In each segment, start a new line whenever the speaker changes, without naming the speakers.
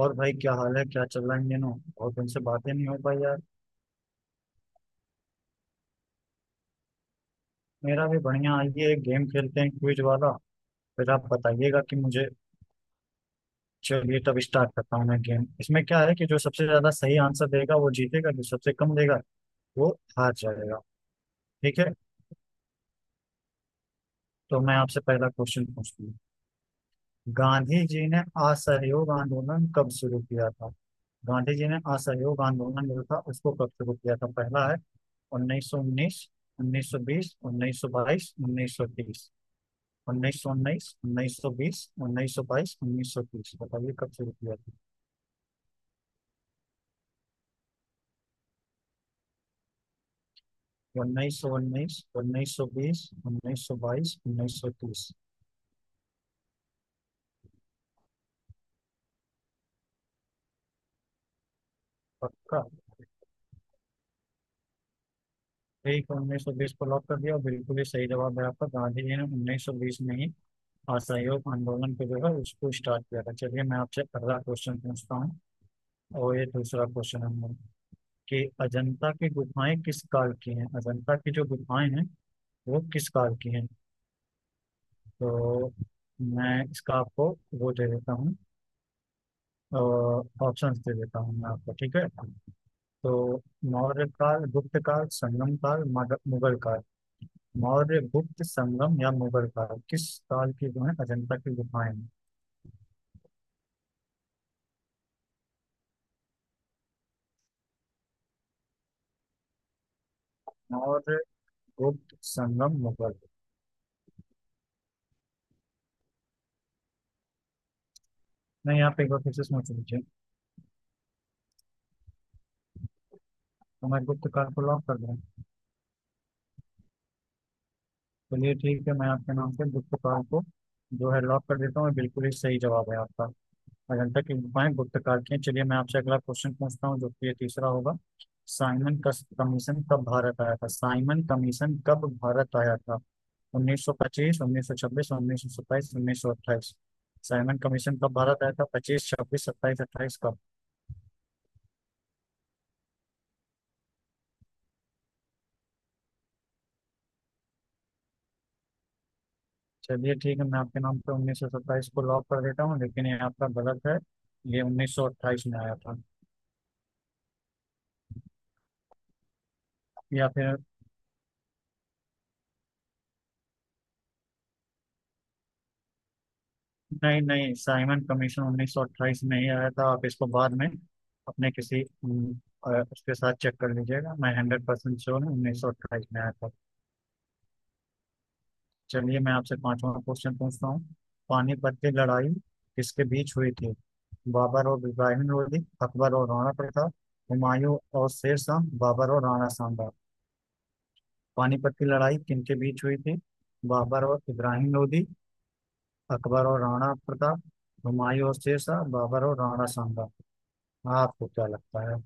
और भाई, क्या हाल है? क्या चल रहा है इन दिनों? बहुत दिन से बातें नहीं हो पाई, यार। मेरा भी बढ़िया। आइए, एक गेम खेलते हैं, क्विज वाला। फिर आप बताइएगा कि मुझे। चलिए, तब स्टार्ट करता हूँ मैं गेम। इसमें क्या है कि जो सबसे ज्यादा सही आंसर देगा वो जीतेगा, जो सबसे कम देगा वो हार जाएगा। ठीक है। तो मैं आपसे पहला क्वेश्चन पूछती हूँ। गांधी जी ने असहयोग आंदोलन कब शुरू किया था? गांधी जी ने असहयोग आंदोलन जो था उसको कब शुरू किया था? पहला है 1919, 1920, 1922, 1930। उन्नीस सौ उन्नीस, उन्नीस सौ बीस, उन्नीस सौ बाईस, उन्नीस सौ तीस। बताइए कब शुरू किया था। उन्नीस सौ उन्नीस, उन्नीस सौ बीस, उन्नीस सौ बाईस, उन्नीस सौ तीस। पक्का? ठीक है, 1920 को लॉक कर दिया। बिल्कुल ही सही जवाब है आपका। गांधी जी ने 1920 में ही असहयोग आंदोलन को जो है उसको स्टार्ट किया था। चलिए, मैं आपसे अगला क्वेश्चन पूछता हूँ। और ये दूसरा क्वेश्चन हम, कि अजंता की गुफाएं किस काल की हैं? अजंता की जो गुफाएं हैं वो किस काल की हैं? तो मैं इसका आपको वो दे देता हूँ, ऑप्शंस दे देता हूँ मैं आपको। ठीक है। तो मौर्य काल, गुप्त काल, संगम काल, मुगल काल। मौर्य, गुप्त, संगम या मुगल काल, किस काल की जो है अजंता की गुफाएं हैं? मौर्य, गुप्त, संगम, मुगल। नहीं, आप एक बार फिर से सोच लीजिए। तो मैं गुप्त काल को लॉक कर दूँ? चलिए ठीक है, मैं आपके नाम से गुप्त काल को जो है लॉक कर देता हूँ। बिल्कुल ही सही जवाब है आपका। अजंता की गुफाएं गुप्तकाल की हैं। चलिए, मैं आपसे अगला क्वेश्चन पूछता हूँ जो कि ये तीसरा होगा। साइमन कमीशन कब भारत आया था? साइमन कमीशन कब भारत आया था? 1925, 1926, 1927, 1928। साइमन कमीशन कब भारत आया था? 25, 26, 27, 28, कब? चलिए ठीक है, मैं आपके नाम पे 1927 को लॉक कर देता हूँ, लेकिन ये आपका गलत है। ये 1928 में आया था। या फिर, नहीं नहीं, साइमन कमीशन 1928 में ही आया था। आप इसको बाद में अपने किसी उसके साथ चेक कर लीजिएगा। मैं 100% श्योर हूँ, 1928 में आया था। चलिए, मैं आपसे पांचवा क्वेश्चन पूछता हूँ। पानीपत की लड़ाई किसके बीच हुई थी? बाबर और इब्राहिम लोधी, अकबर और राणा प्रताप, हुमायूं और शेर शाह, बाबर और राणा सांबा। पानीपत की लड़ाई किनके बीच हुई थी? बाबर और इब्राहिम लोधी, अकबर और राणा प्रताप, हुमायूं और शेर शाह, बाबर और राणा सांबा। आपको क्या लगता है?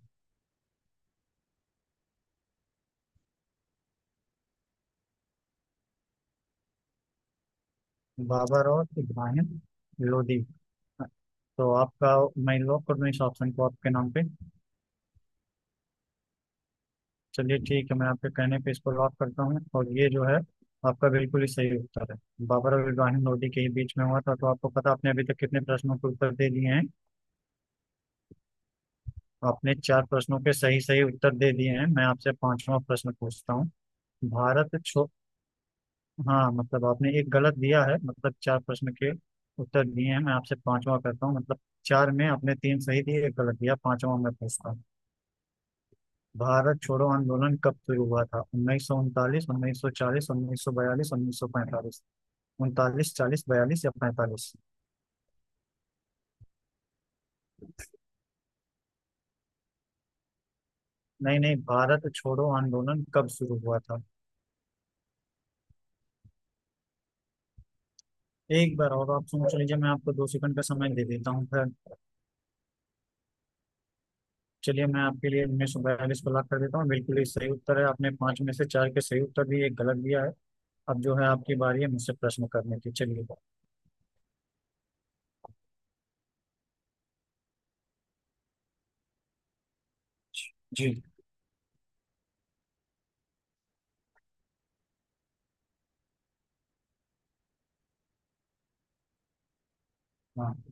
बाबर और इब्राहिम लोदी। तो आपका मैं लॉक कर दूं इस ऑप्शन को आपके नाम पे? चलिए ठीक है, मैं आपके कहने पे इसको लॉक करता हूँ, और ये जो है आपका बिल्कुल ही सही उत्तर है। बाबर और इब्राहिम लोदी के ही बीच में हुआ था। तो आपको पता, आपने अभी तक कितने प्रश्नों के उत्तर दे दिए हैं? आपने 4 प्रश्नों के सही सही उत्तर दे दिए हैं। मैं आपसे पांचवा प्रश्न पूछता हूँ। भारत छो हाँ, मतलब आपने एक गलत दिया है, मतलब 4 प्रश्न के उत्तर दिए हैं। मैं आपसे पांचवा करता हूँ, मतलब चार में आपने तीन सही दिए, एक गलत दिया, पांचवा मैं पूछता हूँ। भारत छोड़ो आंदोलन कब शुरू हुआ था? 1939, 1940, 1942, 1945। उनतालीस, चालीस, बयालीस या पैंतालीस? नहीं नहीं, भारत छोड़ो आंदोलन कब शुरू हुआ था? एक बार और आप सोच लीजिए, मैं आपको 2 सेकंड का समय दे देता हूँ फिर। चलिए, मैं आपके लिए 1942 को लॉक कर देता हूँ। बिल्कुल ही सही उत्तर है, आपने 5 में से 4 के सही उत्तर दिए, एक गलत दिया है। अब जो है आपकी बारी है मुझसे प्रश्न करने की। चलिए। जी। हाँ।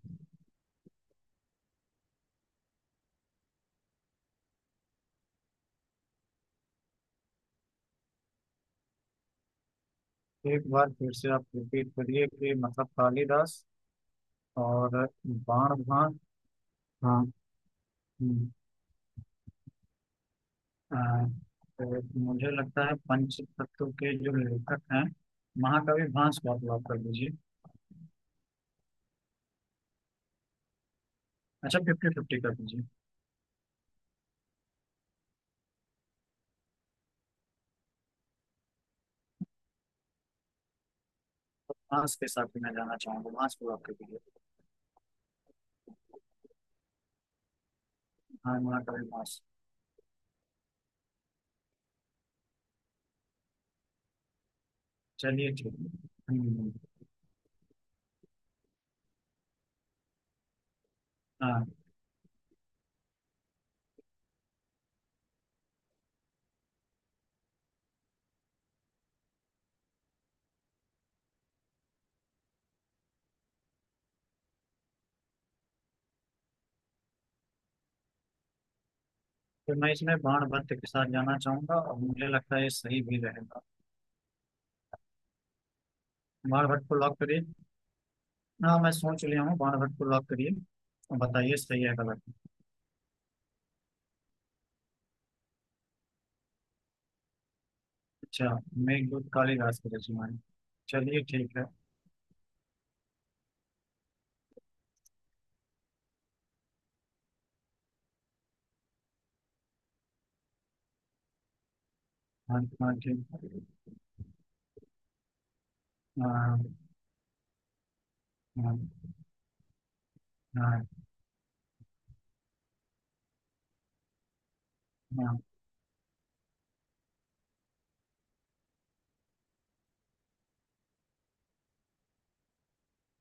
एक बार फिर से आप रिपीट करिए कि मतलब कालिदास और बाण भाग। हाँ। हम्म, आ, तो मुझे लगता है पंच तत्व के जो लेखक हैं महाकवि भास को आप लॉक कर दीजिए। अच्छा, फिफ्टी फिफ्टी कर दीजिए। भास के साथ ही मैं जाना चाहूंगा, भास को लॉक कर दीजिए। हाँ, महाकवि भास। चलिए ठीक है। हम्म, हाँ, तो मैं इसमें बाण भट्ट के साथ जाना चाहूंगा और मुझे लगता है ये सही भी रहेगा। बाण भट्ट को लॉक करिए। हाँ, मैं सोच लिया हूँ, बाण भट्ट को लॉक करिए और बताइए, सही है गलत? अच्छा, मेघदूत काली घास के रचना है? चलिए ठीक है। हाँ। हाँ, ठीक है। हाँ। हाँ हाँ हाँ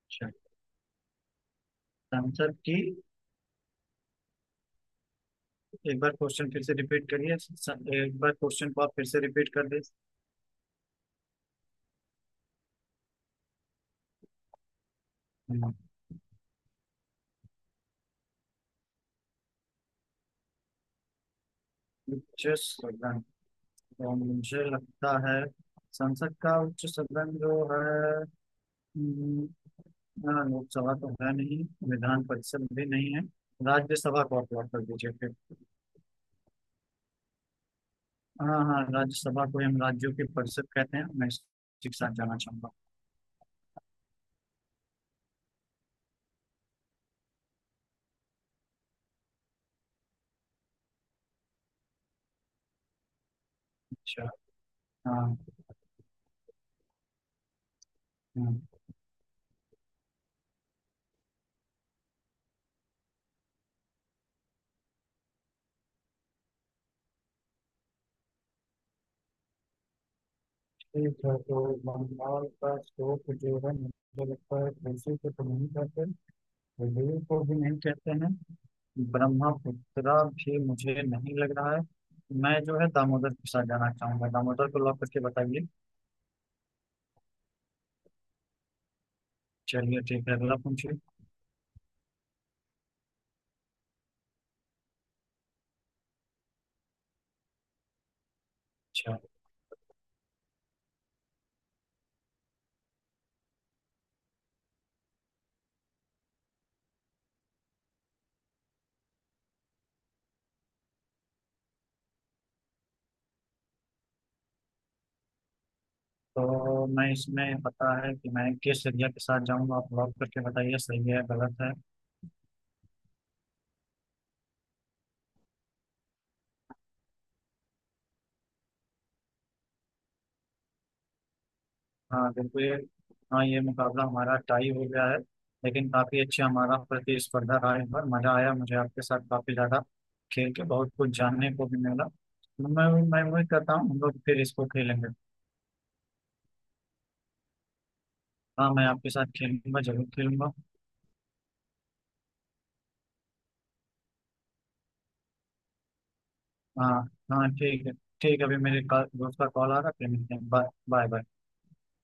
अच्छा। संसद की? एक बार क्वेश्चन फिर से रिपीट करिए। एक बार क्वेश्चन को आप फिर से रिपीट कर दीजिए। हाँ। उच्च सदन? तो मुझे लगता है संसद का उच्च सदन जो है, हम्म, हाँ, लोकसभा तो है नहीं, विधान परिषद भी नहीं है, राज्यसभा को आप अलॉट कर दीजिए फिर। हाँ हाँ, राज्यसभा को हम राज्यों की परिषद कहते हैं, मैं इसके साथ जाना चाहूंगा। अच्छा। हाँ। हाँ। ठीक है, तो बंगाल का स्रोत जो है, मुझे लगता है तुलसी को तो नहीं कहते, हृदय को भी नहीं कहते हैं, ब्रह्मपुत्रा भी मुझे नहीं लग रहा है, मैं जो है दामोदर के साथ जाना चाहूंगा। दामोदर को लॉक करके बताइए। चलिए ठीक है, अगला पूछिए। अच्छा। तो मैं इसमें पता है कि मैं किस एरिया के साथ जाऊंगा, आप लॉक करके बताइए सही है गलत है। हाँ, बिल्कुल। ये, हाँ, ये मुकाबला हमारा टाई हो गया है। लेकिन काफ़ी अच्छा हमारा प्रतिस्पर्धा रहा, इस बार मज़ा आया मुझे आपके साथ काफ़ी ज़्यादा। खेल के बहुत कुछ जानने को भी मिला, तो मैं उम्मीद करता हूँ हम लोग फिर इसको खेलेंगे। हाँ, मैं आपके साथ खेलूंगा, जरूर खेलूंगा। हाँ। हाँ, ठीक है। ठीक है, अभी मेरे दोस्त का कॉल आ रहा है, फिर मिलते हैं, बाय बाय बाय।